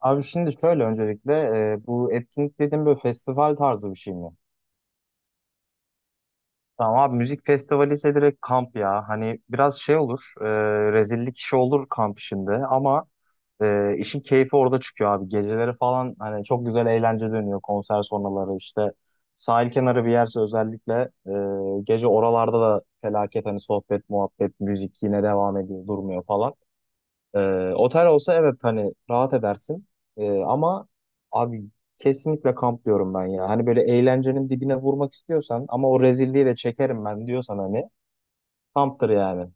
Abi şimdi şöyle öncelikle bu etkinlik dediğim böyle festival tarzı bir şey mi? Tamam abi müzik festivali ise direkt kamp ya. Hani biraz şey olur, rezillik işi olur kamp işinde ama işin keyfi orada çıkıyor abi. Geceleri falan hani çok güzel eğlence dönüyor konser sonraları işte. Sahil kenarı bir yerse özellikle gece oralarda da felaket hani sohbet, muhabbet, müzik yine devam ediyor, durmuyor falan. Otel olsa evet hani rahat edersin. Ama abi kesinlikle kamp diyorum ben ya. Hani böyle eğlencenin dibine vurmak istiyorsan ama o rezilliği de çekerim ben diyorsan hani kamptır yani.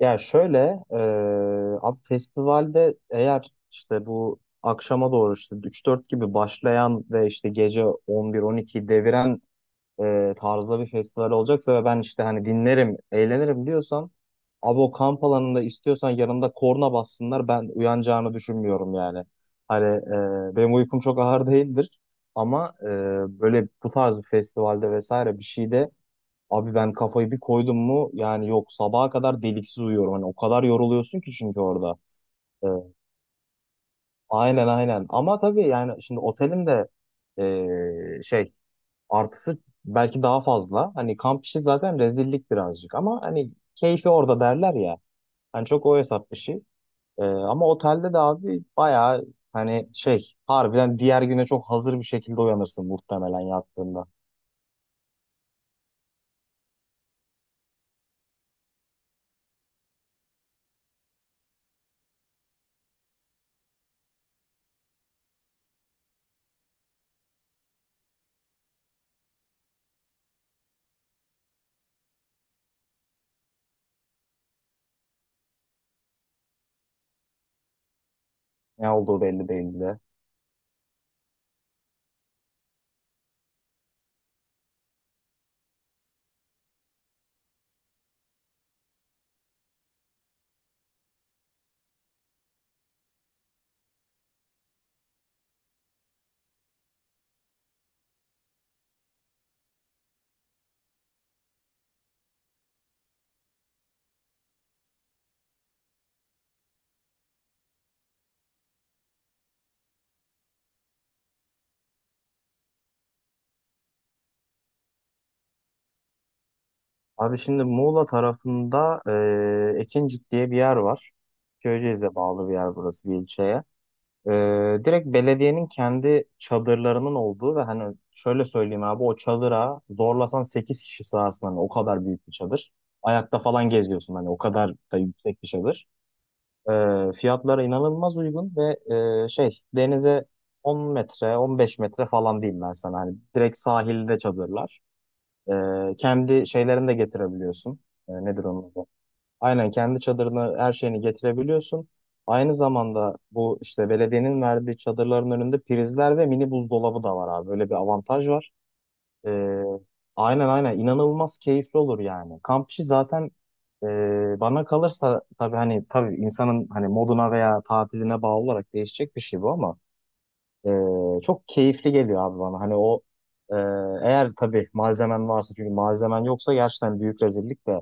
Ya şöyle abi festivalde eğer işte bu akşama doğru işte üç dört gibi başlayan ve işte gece 11 12 deviren tarzda bir festival olacaksa ve ben işte hani dinlerim, eğlenirim diyorsan abi o kamp alanında istiyorsan yanımda korna bassınlar ben uyanacağını düşünmüyorum yani. Hani benim uykum çok ağır değildir ama böyle bu tarz bir festivalde vesaire bir şeyde abi ben kafayı bir koydum mu yani yok sabaha kadar deliksiz uyuyorum. Hani o kadar yoruluyorsun ki çünkü orada. E, aynen aynen ama tabii yani şimdi otelim de şey. Artısı belki daha fazla. Hani kamp işi zaten rezillik birazcık ama hani keyfi orada derler ya. Hani çok o hesap işi. Ama otelde de abi bayağı hani şey harbiden diğer güne çok hazır bir şekilde uyanırsın muhtemelen yattığında. Ne olduğu belli değil bile. Abi şimdi Muğla tarafında Ekincik diye bir yer var. Köyceğiz'e bağlı bir yer burası, bir ilçeye. Direkt belediyenin kendi çadırlarının olduğu ve hani şöyle söyleyeyim abi o çadıra zorlasan 8 kişi sığarsın, hani o kadar büyük bir çadır. Ayakta falan geziyorsun, hani o kadar da yüksek bir çadır. Fiyatlara inanılmaz uygun ve şey, denize 10 metre 15 metre falan diyeyim ben sana, hani direkt sahilde çadırlar. Kendi şeylerini de getirebiliyorsun. Nedir onun adı? Aynen kendi çadırını her şeyini getirebiliyorsun. Aynı zamanda bu işte belediyenin verdiği çadırların önünde prizler ve mini buzdolabı da var abi. Böyle bir avantaj var. Ee, aynen aynen inanılmaz keyifli olur yani. Kamp işi zaten bana kalırsa, tabii hani tabii insanın hani moduna veya tatiline bağlı olarak değişecek bir şey bu ama çok keyifli geliyor abi bana. Hani o e, eğer tabii malzemen varsa, çünkü malzemen yoksa gerçekten büyük rezillik de.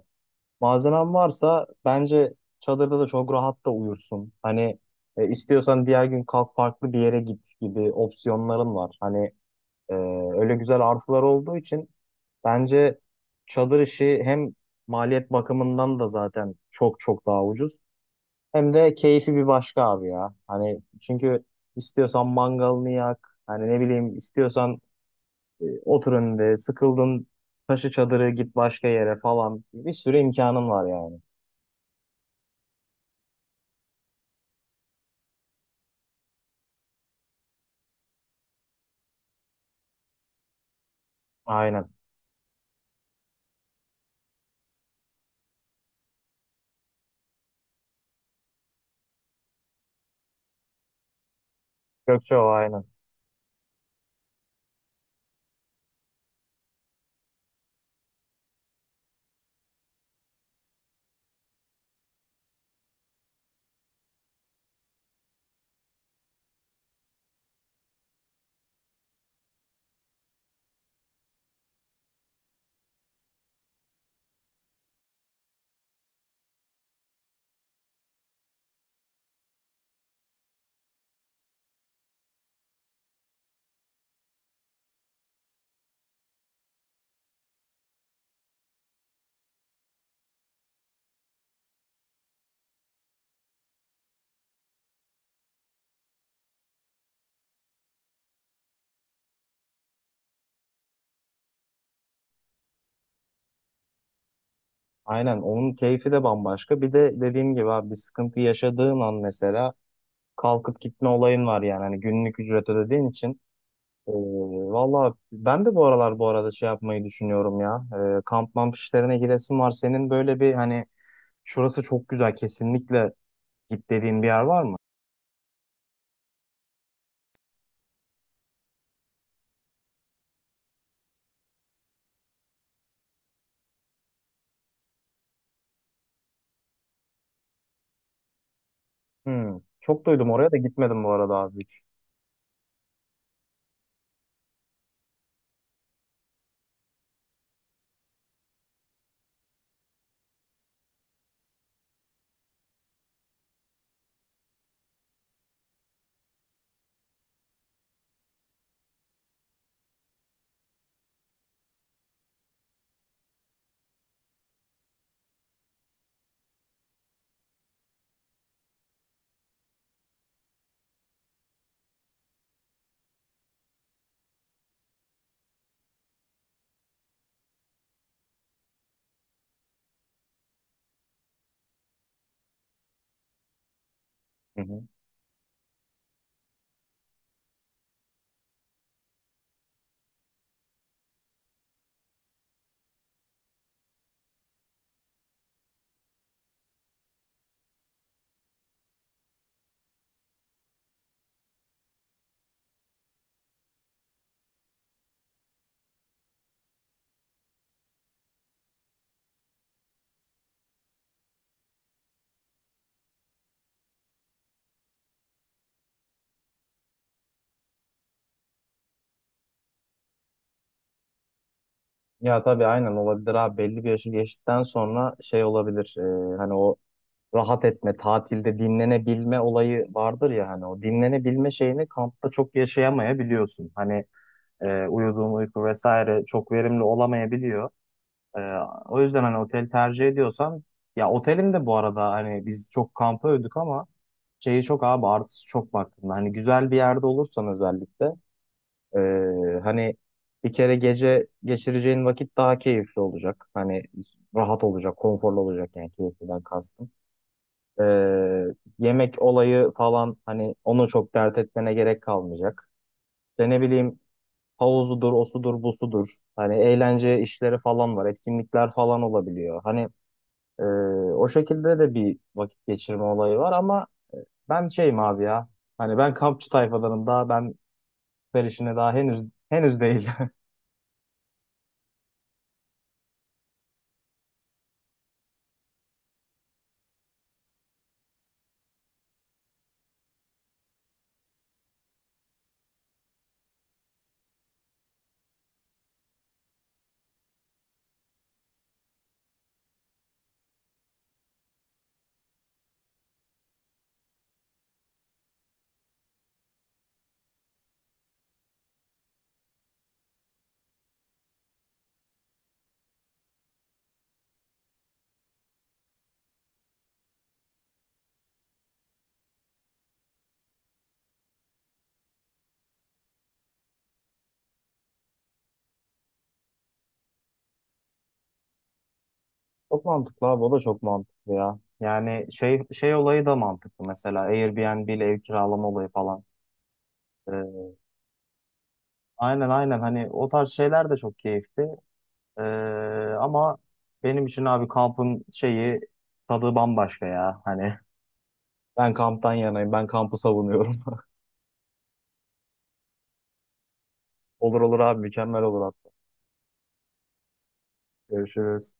Malzemen varsa bence çadırda da çok rahat da uyursun. Hani istiyorsan diğer gün kalk farklı bir yere git gibi opsiyonların var. Hani e, öyle güzel artılar olduğu için bence çadır işi hem maliyet bakımından da zaten çok çok daha ucuz. Hem de keyfi bir başka abi ya. Hani çünkü istiyorsan mangalını yak. Hani ne bileyim, istiyorsan otur önünde, sıkıldın taşı çadırı git başka yere falan. Bir sürü imkanın var yani. Aynen. Gökçeova aynen. Aynen, onun keyfi de bambaşka. Bir de dediğim gibi abi bir sıkıntı yaşadığın an mesela kalkıp gitme olayın var yani. Hani günlük ücret ödediğin için. Ee, Valla ben de bu aralar bu arada şey yapmayı düşünüyorum ya. Kamp mamp işlerine giresim var. Senin böyle bir hani şurası çok güzel kesinlikle git dediğin bir yer var mı? Hmm. Çok duydum, oraya da gitmedim bu arada abi hiç. Hı hı. Ya tabii aynen olabilir abi, belli bir yaşı geçtikten sonra şey olabilir. Hani o rahat etme, tatilde dinlenebilme olayı vardır ya, hani o dinlenebilme şeyini kampta çok yaşayamayabiliyorsun. Hani uyuduğun uyku vesaire çok verimli olamayabiliyor. E, O yüzden hani otel tercih ediyorsan, ya otelin de bu arada hani biz çok kampa ödük ama şeyi çok abi, artısı çok baktığında hani güzel bir yerde olursan özellikle hani bir kere gece geçireceğin vakit daha keyifli olacak. Hani rahat olacak, konforlu olacak, yani keyifliden kastım. Ee, Yemek olayı falan, hani onu çok dert etmene gerek kalmayacak. İşte ne bileyim, havuzudur, osudur, busudur. Hani eğlence işleri falan var, etkinlikler falan olabiliyor. Hani e, o şekilde de bir vakit geçirme olayı var ama ben şeyim abi ya. Hani ben kampçı tayfadanım daha, ben her işine daha henüz değil. Çok mantıklı abi, o da çok mantıklı ya. Yani şey olayı da mantıklı, mesela Airbnb ile ev kiralama olayı falan. Aynen aynen hani o tarz şeyler de çok keyifli. Ee, ama benim için abi kampın şeyi, tadı bambaşka ya. Hani ben kamptan yanayım. Ben kampı savunuyorum. Olur olur abi, mükemmel olur hatta. Görüşürüz.